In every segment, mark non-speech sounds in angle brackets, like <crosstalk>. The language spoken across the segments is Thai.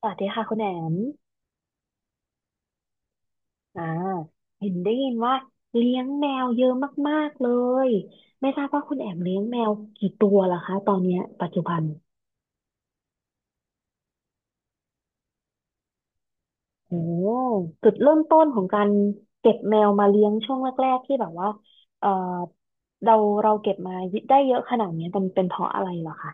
สวัสดีค่ะคุณแอมอ่าเห็นได้ยินว่าเลี้ยงแมวเยอะมากๆเลย ไม่ทราบว่าคุณแอมเลี้ยงแมวกี่ตัวล่ะคะตอนเนี้ยปัจจุบันโอ้จุดเริ่มต้นของการเก็บแมวมาเลี้ยงช่วงแรกๆที่แบบว่าเออเราเราเก็บมาได้เยอะขนาดเนี้ยมันเป็นเพราะอะไรเหรอคะ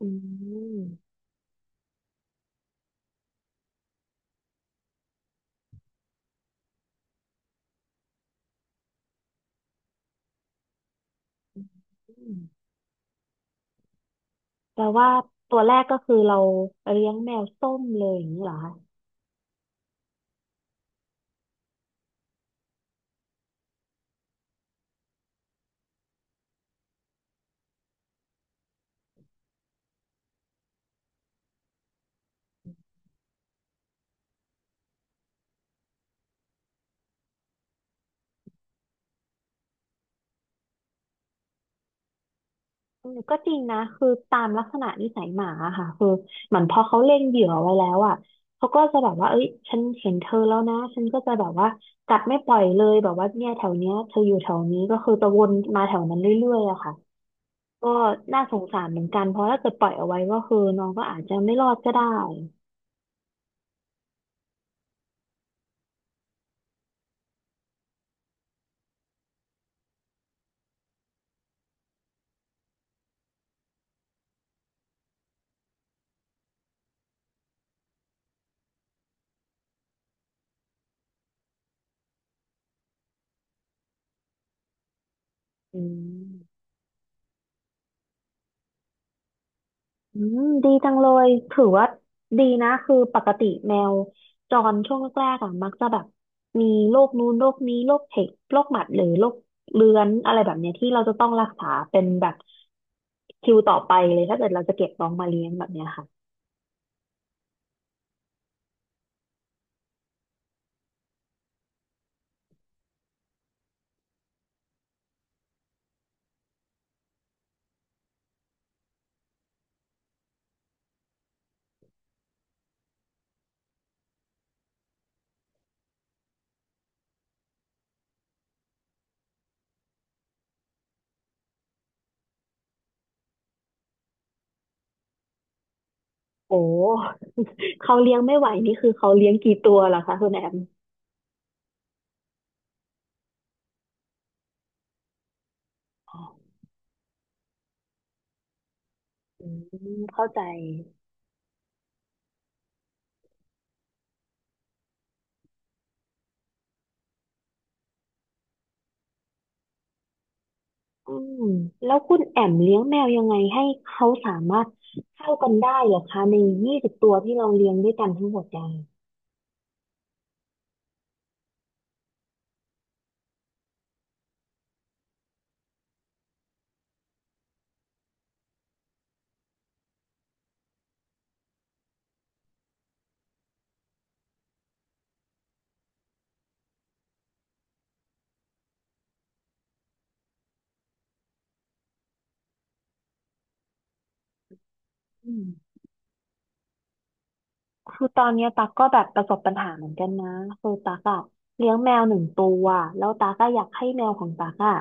อืมแปลว่าตัวแรกก็คือเราเลี้ยงแมวส้มเลยอย่างนี้เหรอ ก็จริงนะคือตามลักษณะนิสัยหมาอะค่ะคือเหมือนพอเขาเล็งเหยื่อไว้แล้วอ่ะเขาก็จะแบบว่าเอ้ยฉันเห็นเธอแล้วนะฉันก็จะแบบว่ากัดไม่ปล่อยเลยแบบว่าเนี่ยแถวเนี้ยเธออยู่แถวนี้ก็คือจะวนมาแถวนั้นเรื่อยๆอะค่ะก็น่าสงสารเหมือนกันเพราะถ้าเกิดปล่อยเอาไว้ก็คือน้องก็อาจจะไม่รอดก็ได้อืม ดีจังเลยถือว่าดีนะคือปกติแมวจรช่วงแรกๆอะมักจะแบบมีโรคนู้นโรคนี้โรคเห็บโรคหมัดหรือโรคเรื้อนอะไรแบบเนี้ยที่เราจะต้องรักษาเป็นแบบคิวต่อไปเลยถ้าเกิดเราจะเก็บน้องมาเลี้ยงแบบเนี้ยค่ะโอ้ <laughs> เขาเลี้ยงไม่ไหวนี่คือเขาเลี้ยงกี่ตัวล่ะคะคุณแอมอ๋ออืมเข้าใจ อืมแล้วคุณแอมเลี้ยงแมวยังไงให้เขาสามารถเข้ากันได้เหรอคะใน20 ตัวที่เราเลี้ยงด้วยกันทั้งหมดเนี่ยอืมคือตอนเนี้ยตั๊กก็แบบประสบปัญหาเหมือนกันนะคือตั๊กอะเลี้ยงแมวหนึ่งตัวแล้วตั๊กก็อยากให้แมวของตั๊กอะ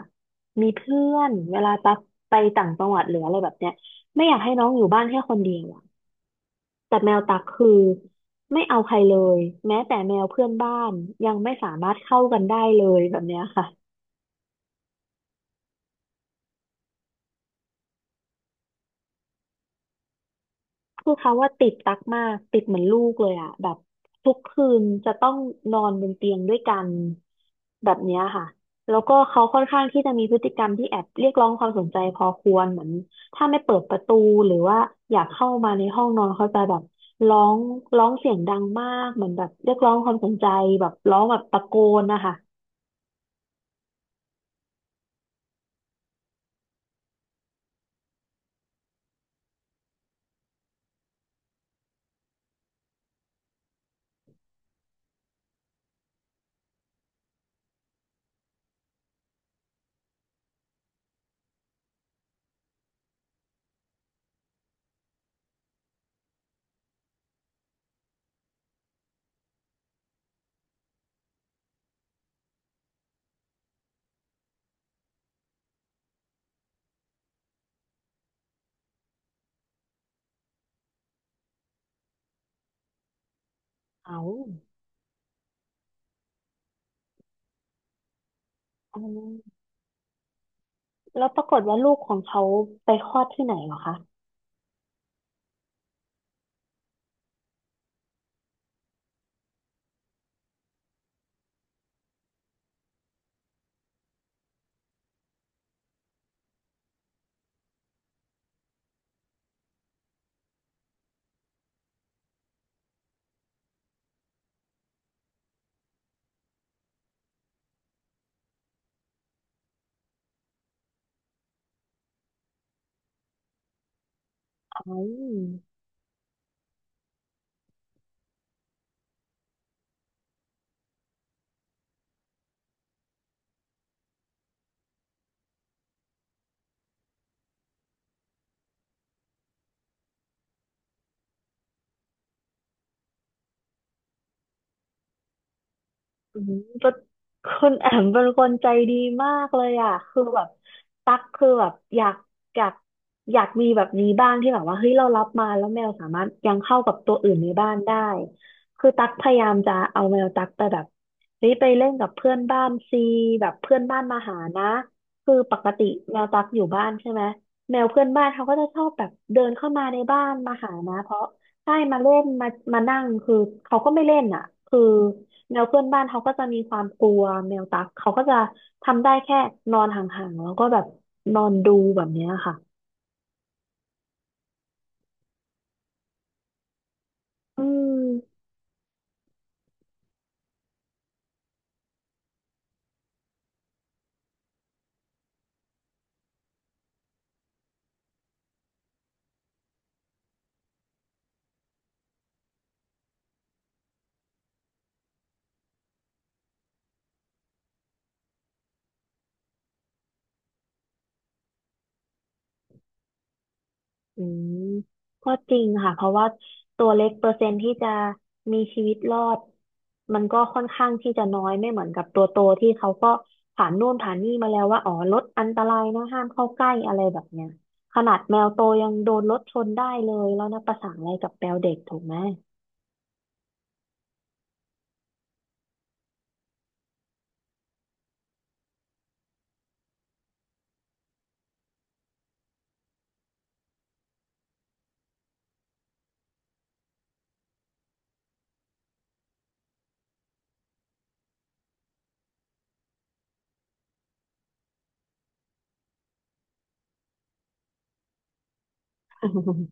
มีเพื่อนเวลาตั๊กไปต่างจังหวัดหรืออะไรแบบเนี้ยไม่อยากให้น้องอยู่บ้านแค่คนเดียวอะแต่แมวตั๊กคือไม่เอาใครเลยแม้แต่แมวเพื่อนบ้านยังไม่สามารถเข้ากันได้เลยแบบเนี้ยค่ะ คือเขาว่าติดตักมากติดเหมือนลูกเลยอะแบบทุกคืนจะต้องนอนบนเตียงด้วยกันแบบเนี้ยค่ะแล้วก็เขาค่อนข้างที่จะมีพฤติกรรมที่แอบเรียกร้องความสนใจพอควรเหมือนถ้าไม่เปิดประตูหรือว่าอยากเข้ามาในห้องนอนเขาจะแบบร้องร้องเสียงดังมากเหมือนแบบเรียกร้องความสนใจแบบร้องแบบตะโกนนะคะเอาอ๋อแล้วปรากฏว่าลูกของเขาไปคลอดที่ไหนเหรอคะเอา อืมก็คุณแอมเป็นคนใจดีมากเลยอ่ะคือแบบตักคือแบบอยากอยากมีแบบนี้บ้างที่แบบว่าเฮ้ยเรารับมาแล้วแมวสามารถยังเข้ากับตัวอื่นในบ้านได้คือตักพยายามจะเอาแมวตักไปแบบเฮ้ยไปเล่นกับเพื่อนบ้านซีแบบเพื่อนบ้านมาหานะคือปกติแมวตักอยู่บ้านใช่ไหมแมวเพื่อนบ้านเขาก็จะชอบแบบเดินเข้ามาในบ้านมาหานะเพราะใช่มาเล่นมามานั่งคือเขาก็ไม่เล่นอ่ะคือ แมวเพื่อนบ้านเขาก็จะมีความกลัวแมวตักเขาก็จะทำได้แค่นอนห่างๆ แล้วก็แบบนอนดูแบบเนี้ยค่ะอืมอืมก็จริงค่ะเพราะว่าตัวเล็กเปอร์เซ็นต์ที่จะมีชีวิตรอดมันก็ค่อนข้างที่จะน้อยไม่เหมือนกับตัวโตที่เขาก็ผ่านนู่นผ่านนี่มาแล้วว่าอ๋อรถอันตรายนะห้ามเข้าใกล้อะไรแบบเนี้ยขนาดแมวโตยังโดนรถชนได้เลยแล้วนะประสานอะไรกับแมวเด็กถูกไหม <laughs>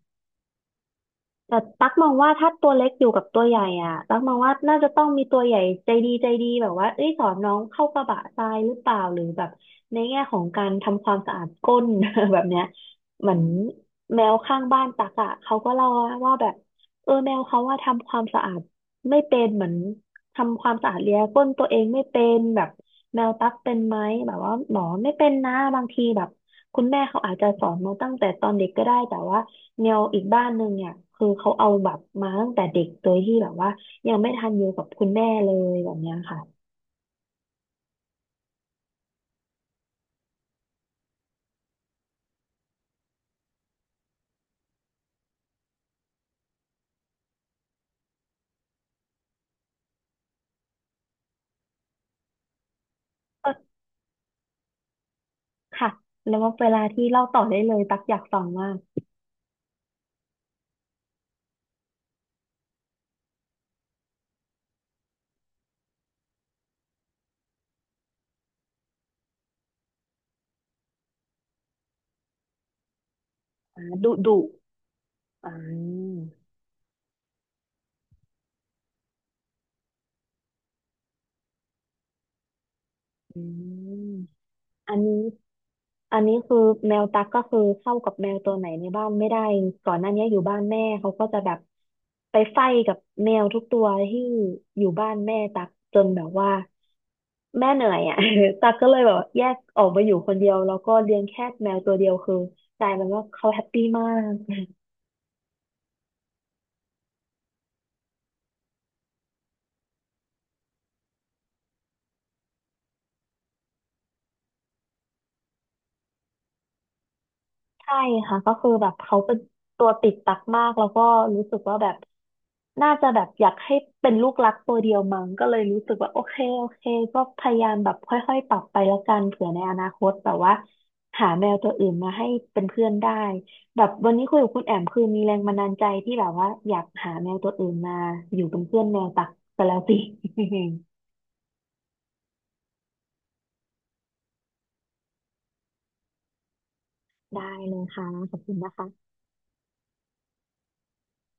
แต่ตั๊กมองว่าถ้าตัวเล็กอยู่กับตัวใหญ่อ่ะตั๊กมองว่าน่าจะต้องมีตัวใหญ่ใจดีใจดีแบบว่าเอ้ยสอนน้องเข้ากระบะทรายหรือเปล่าหรือแบบในแง่ของการทำความสะอาดก้น <laughs> แบบเนี้ยเหมือนแมวข้างบ้านตั๊กอ่ะเขาก็เล่าว่าแบบเออแมวเขาว่าทำความสะอาดไม่เป็นเหมือน ทำความสะอาดเลียก้นตัวเองไม่เป็นแบบแมวตั๊กเป็นไหมแบบว่าหมอไม่เป็นนะบางทีแบบคุณแม่เขาอาจจะสอนมาตั้งแต่ตอนเด็กก็ได้แต่ว่าแมวอีกบ้านหนึ่งเนี่ยคือเขาเอาแบบมาตั้งแต่เด็กโดยที่แบบว่ายังไม่ทันอยู่กับคุณแม่เลยแบบเนี้ยค่ะก็ค่ะแล้วว่าเวลาที่เล่าต่อได้เลยตักอยากฟังมากดุดุอ่าอืมอันนี้ อันนี้คือแมวตั๊กก็คือเข้ากับแมวตัวไหนในบ้านไม่ได้ก่อนหน้านี้อยู่บ้านแม่เขาก็จะแบบไปไฟกับแมวทุกตัวที่อยู่บ้านแม่ตั๊กจนแบบว่าแม่เหนื่อยอ่ะ <laughs> ตั๊กก็เลยแบบแยกออกมาอยู่คนเดียวแล้วก็เลี้ยงแค่แมวตัวเดียวคือกลายเป็นว่าเขาแฮปปี้มาก ใช่ค่ะก็คือแบบเขาเป็นตัวติดตักมากแล้วก็รู้สึกว่าแบบน่าจะแบบอยากให้เป็นลูกรักตัวเดียวมั้งก็เลยรู้สึกว่าโอเคโอเคก็พยายามแบบค่อยๆปรับไปแล้วกันเผื่อในอนาคตแบบว่าหาแมวตัวอื่นมาให้เป็นเพื่อนได้แบบวันนี้คุยกับคุณแอมคือมีแรงบันดาลใจที่แบบว่าอยากหาแมวตัวอื่นมาอยู่เป็นเพื่อนแมวตักไปแล้วสิ <laughs> ได้เลยค่ะขอบคุณนะคะ